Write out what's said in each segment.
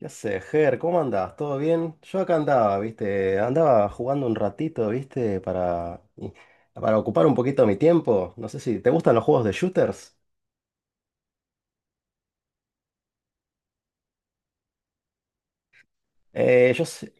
Ya sé, Ger, ¿cómo andás? ¿Todo bien? Yo acá andaba, ¿viste? Andaba jugando un ratito, ¿viste? Para ocupar un poquito mi tiempo. No sé si te gustan los juegos de shooters. Eh, yo s-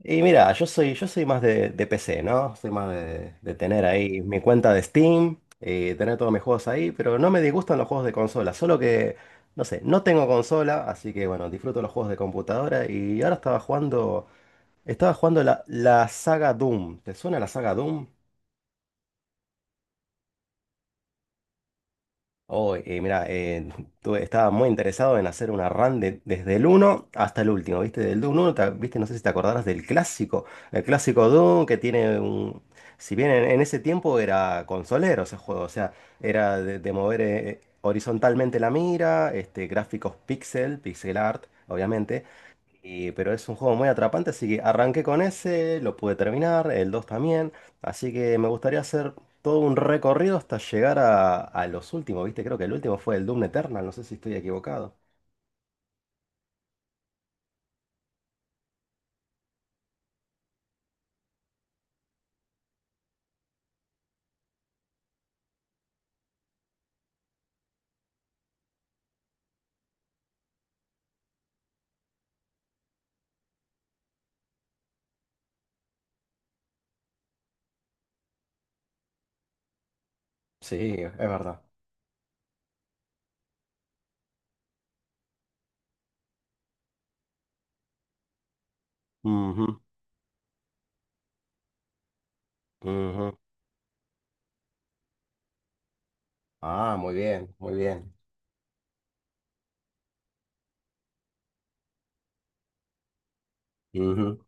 y mira, yo soy más de PC, ¿no? Soy más de tener ahí mi cuenta de Steam y tener todos mis juegos ahí, pero no me disgustan los juegos de consola, solo que, no sé, no tengo consola, así que bueno, disfruto los juegos de computadora y ahora estaba jugando la saga Doom. ¿Te suena la saga Doom? Mira, estaba muy interesado en hacer una run desde el uno hasta el último, ¿viste? Del uno, ¿viste? No sé si te acordarás del clásico, el clásico Doom que tiene un... Si bien en ese tiempo era consolero ese juego, o sea, era de mover horizontalmente la mira, este, gráficos pixel, pixel art, obviamente. Pero es un juego muy atrapante, así que arranqué con ese, lo pude terminar, el 2 también. Así que me gustaría hacer todo un recorrido hasta llegar a los últimos, ¿viste? Creo que el último fue el Doom Eternal, no sé si estoy equivocado. Sí, es verdad. Ujú, ujú. Ah, muy bien, muy bien. Ujú,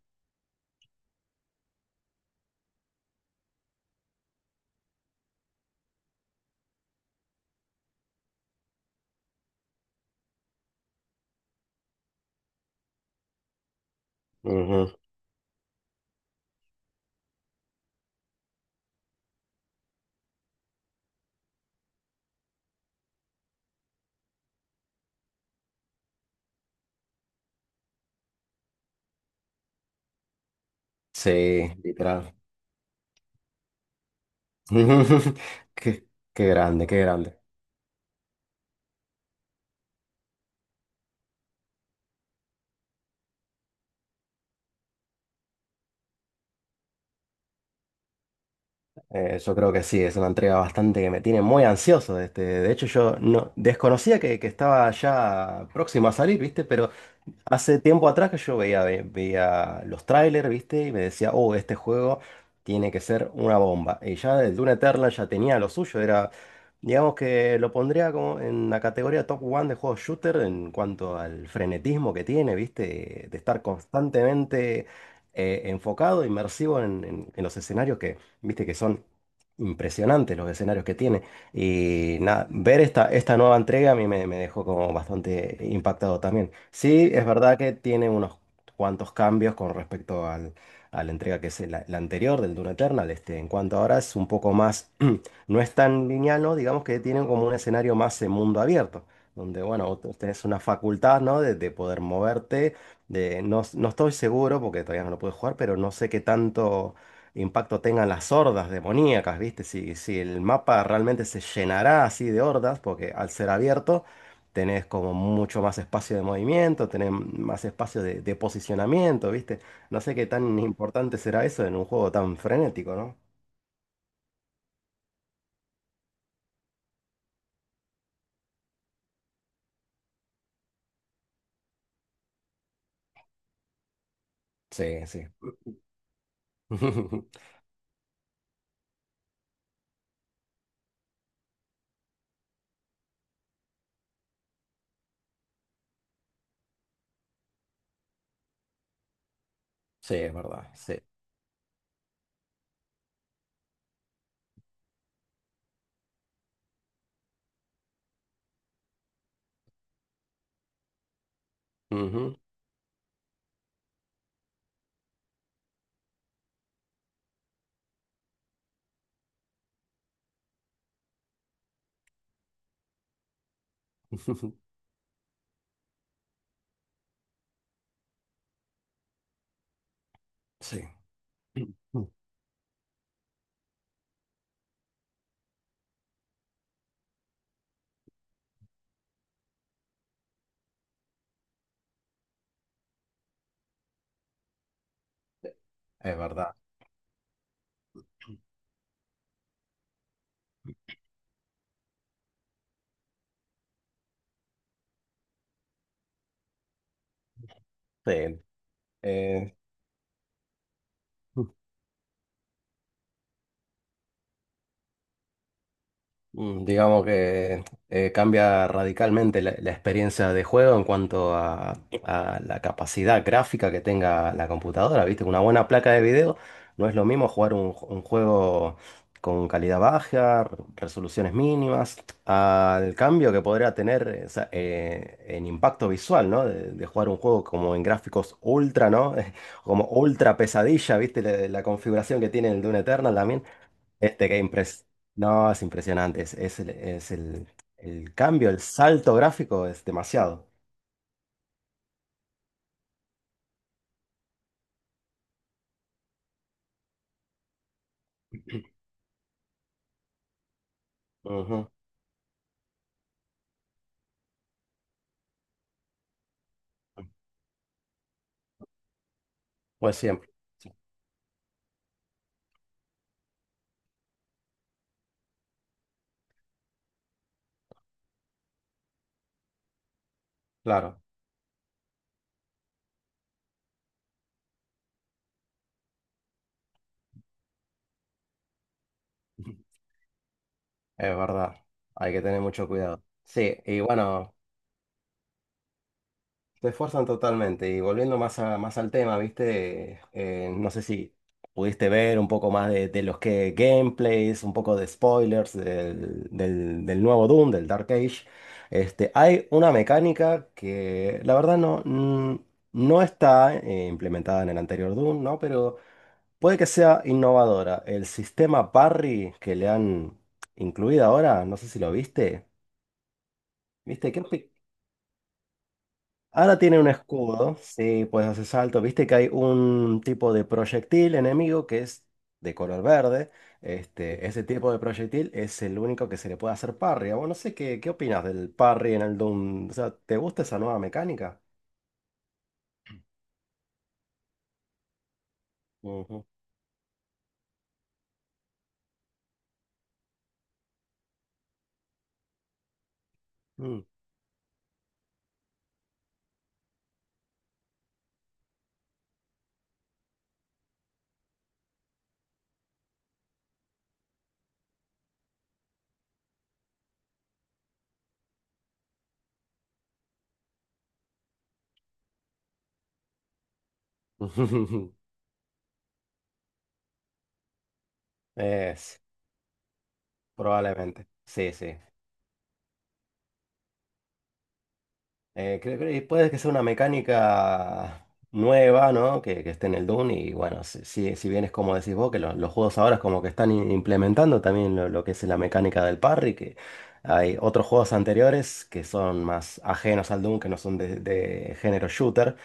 ujú. Sí, literal. Qué, qué grande, qué grande. Yo creo que sí, es una entrega bastante que me tiene muy ansioso. Este, de hecho, yo no desconocía que estaba ya próxima a salir, ¿viste? Pero hace tiempo atrás que yo veía los trailers, ¿viste? Y me decía, oh, este juego tiene que ser una bomba. Y ya el Dune Eternal ya tenía lo suyo, era, digamos que lo pondría como en la categoría top one de juegos shooter en cuanto al frenetismo que tiene, ¿viste? De estar constantemente enfocado, inmersivo en los escenarios que, ¿viste? Que son impresionantes los escenarios que tiene. Y nada, ver esta nueva entrega a mí me, me dejó como bastante impactado también. Sí, es verdad que tiene unos cuantos cambios con respecto al, a la entrega que es la anterior del Dune Eternal. Este, en cuanto ahora es un poco más, no es tan lineal, ¿no? Digamos que tienen como un escenario más en mundo abierto, donde, bueno, vos tenés una facultad, ¿no? De poder moverte. De, no, no estoy seguro porque todavía no lo pude jugar, pero no sé qué tanto impacto tengan las hordas demoníacas, ¿viste? Si, si el mapa realmente se llenará así de hordas, porque al ser abierto tenés como mucho más espacio de movimiento, tenés más espacio de posicionamiento, ¿viste? No sé qué tan importante será eso en un juego tan frenético, ¿no? Sí, sí. Sí, es verdad, sí. Ujú. Sí, es verdad. Sí. Eh, digamos que cambia radicalmente la experiencia de juego en cuanto a la capacidad gráfica que tenga la computadora, ¿viste? Una buena placa de video no es lo mismo jugar un juego con calidad baja, resoluciones mínimas, al cambio que podría tener o sea, en impacto visual, ¿no? De jugar un juego como en gráficos ultra, ¿no? Como ultra pesadilla, ¿viste? La configuración que tiene el Dune Eternal también este Game Press. No, es impresionante. El cambio, el salto gráfico es demasiado. Ujú. Pues siempre, claro. Es verdad. Hay que tener mucho cuidado. Sí, y bueno. Te esfuerzan totalmente. Y volviendo más, más al tema, ¿viste? No sé si pudiste ver un poco más de los que gameplays, un poco de spoilers del, del nuevo Doom, del Dark Age. Este, hay una mecánica que la verdad no, no está implementada en el anterior Doom, ¿no? Pero puede que sea innovadora. El sistema parry que le han incluido ahora, no sé si lo viste. ¿Viste? Ahora tiene un escudo, sí, puedes hacer salto. Viste que hay un tipo de proyectil enemigo que es de color verde. Este, ese tipo de proyectil es el único que se le puede hacer parry. Bueno, no sé qué, qué opinas del parry en el Doom. O sea, ¿te gusta esa nueva mecánica? Ujú. Mm. Es, probablemente. Sí, sí. Creo que puede que sea una mecánica nueva, ¿no? Que esté en el Dune y bueno, si, si si bien es como decís vos, que los juegos ahora es como que están implementando también lo que es la mecánica del parry, que hay otros juegos anteriores que son más ajenos al Dune, que no son de género shooter,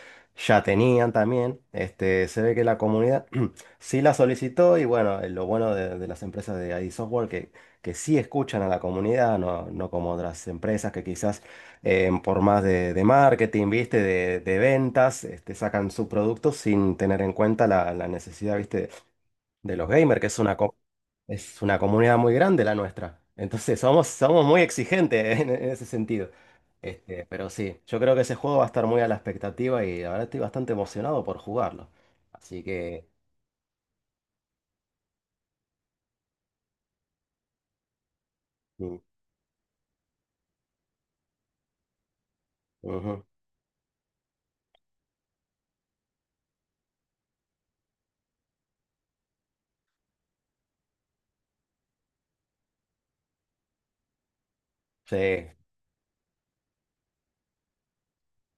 ya tenían también, este, se ve que la comunidad sí la solicitó y bueno, lo bueno de las empresas de ID Software que sí escuchan a la comunidad, no, no como otras empresas que quizás por más de marketing, ¿viste? De ventas, este, sacan su producto sin tener en cuenta la necesidad, ¿viste? De los gamers, que es una, es una comunidad muy grande la nuestra. Entonces somos muy exigentes en ese sentido. Este, pero sí, yo creo que ese juego va a estar muy a la expectativa y la verdad estoy bastante emocionado por jugarlo. Así que... mm, ujú, sí,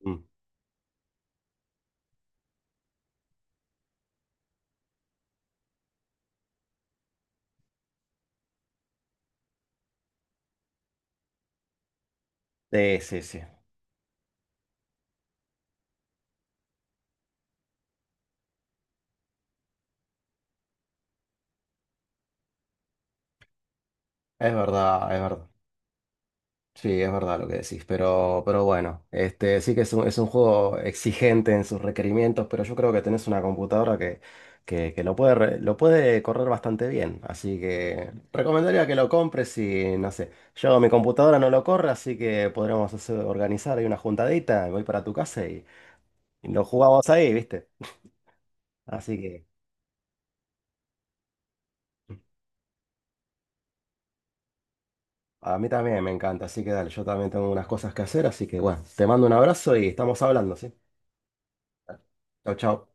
mm, sí, sí, sí. Es verdad, es verdad. Sí, es verdad lo que decís, pero bueno, este, sí que es un juego exigente en sus requerimientos, pero yo creo que tenés una computadora que, que lo puede, lo puede correr bastante bien, así que recomendaría que lo compres y no sé, yo mi computadora no lo corre, así que podremos hacer- organizar ahí una juntadita, voy para tu casa y lo jugamos ahí, ¿viste? Así que a mí también me encanta, así que dale, yo también tengo unas cosas que hacer, así que bueno, te mando un abrazo y estamos hablando, ¿sí? Chau, chau.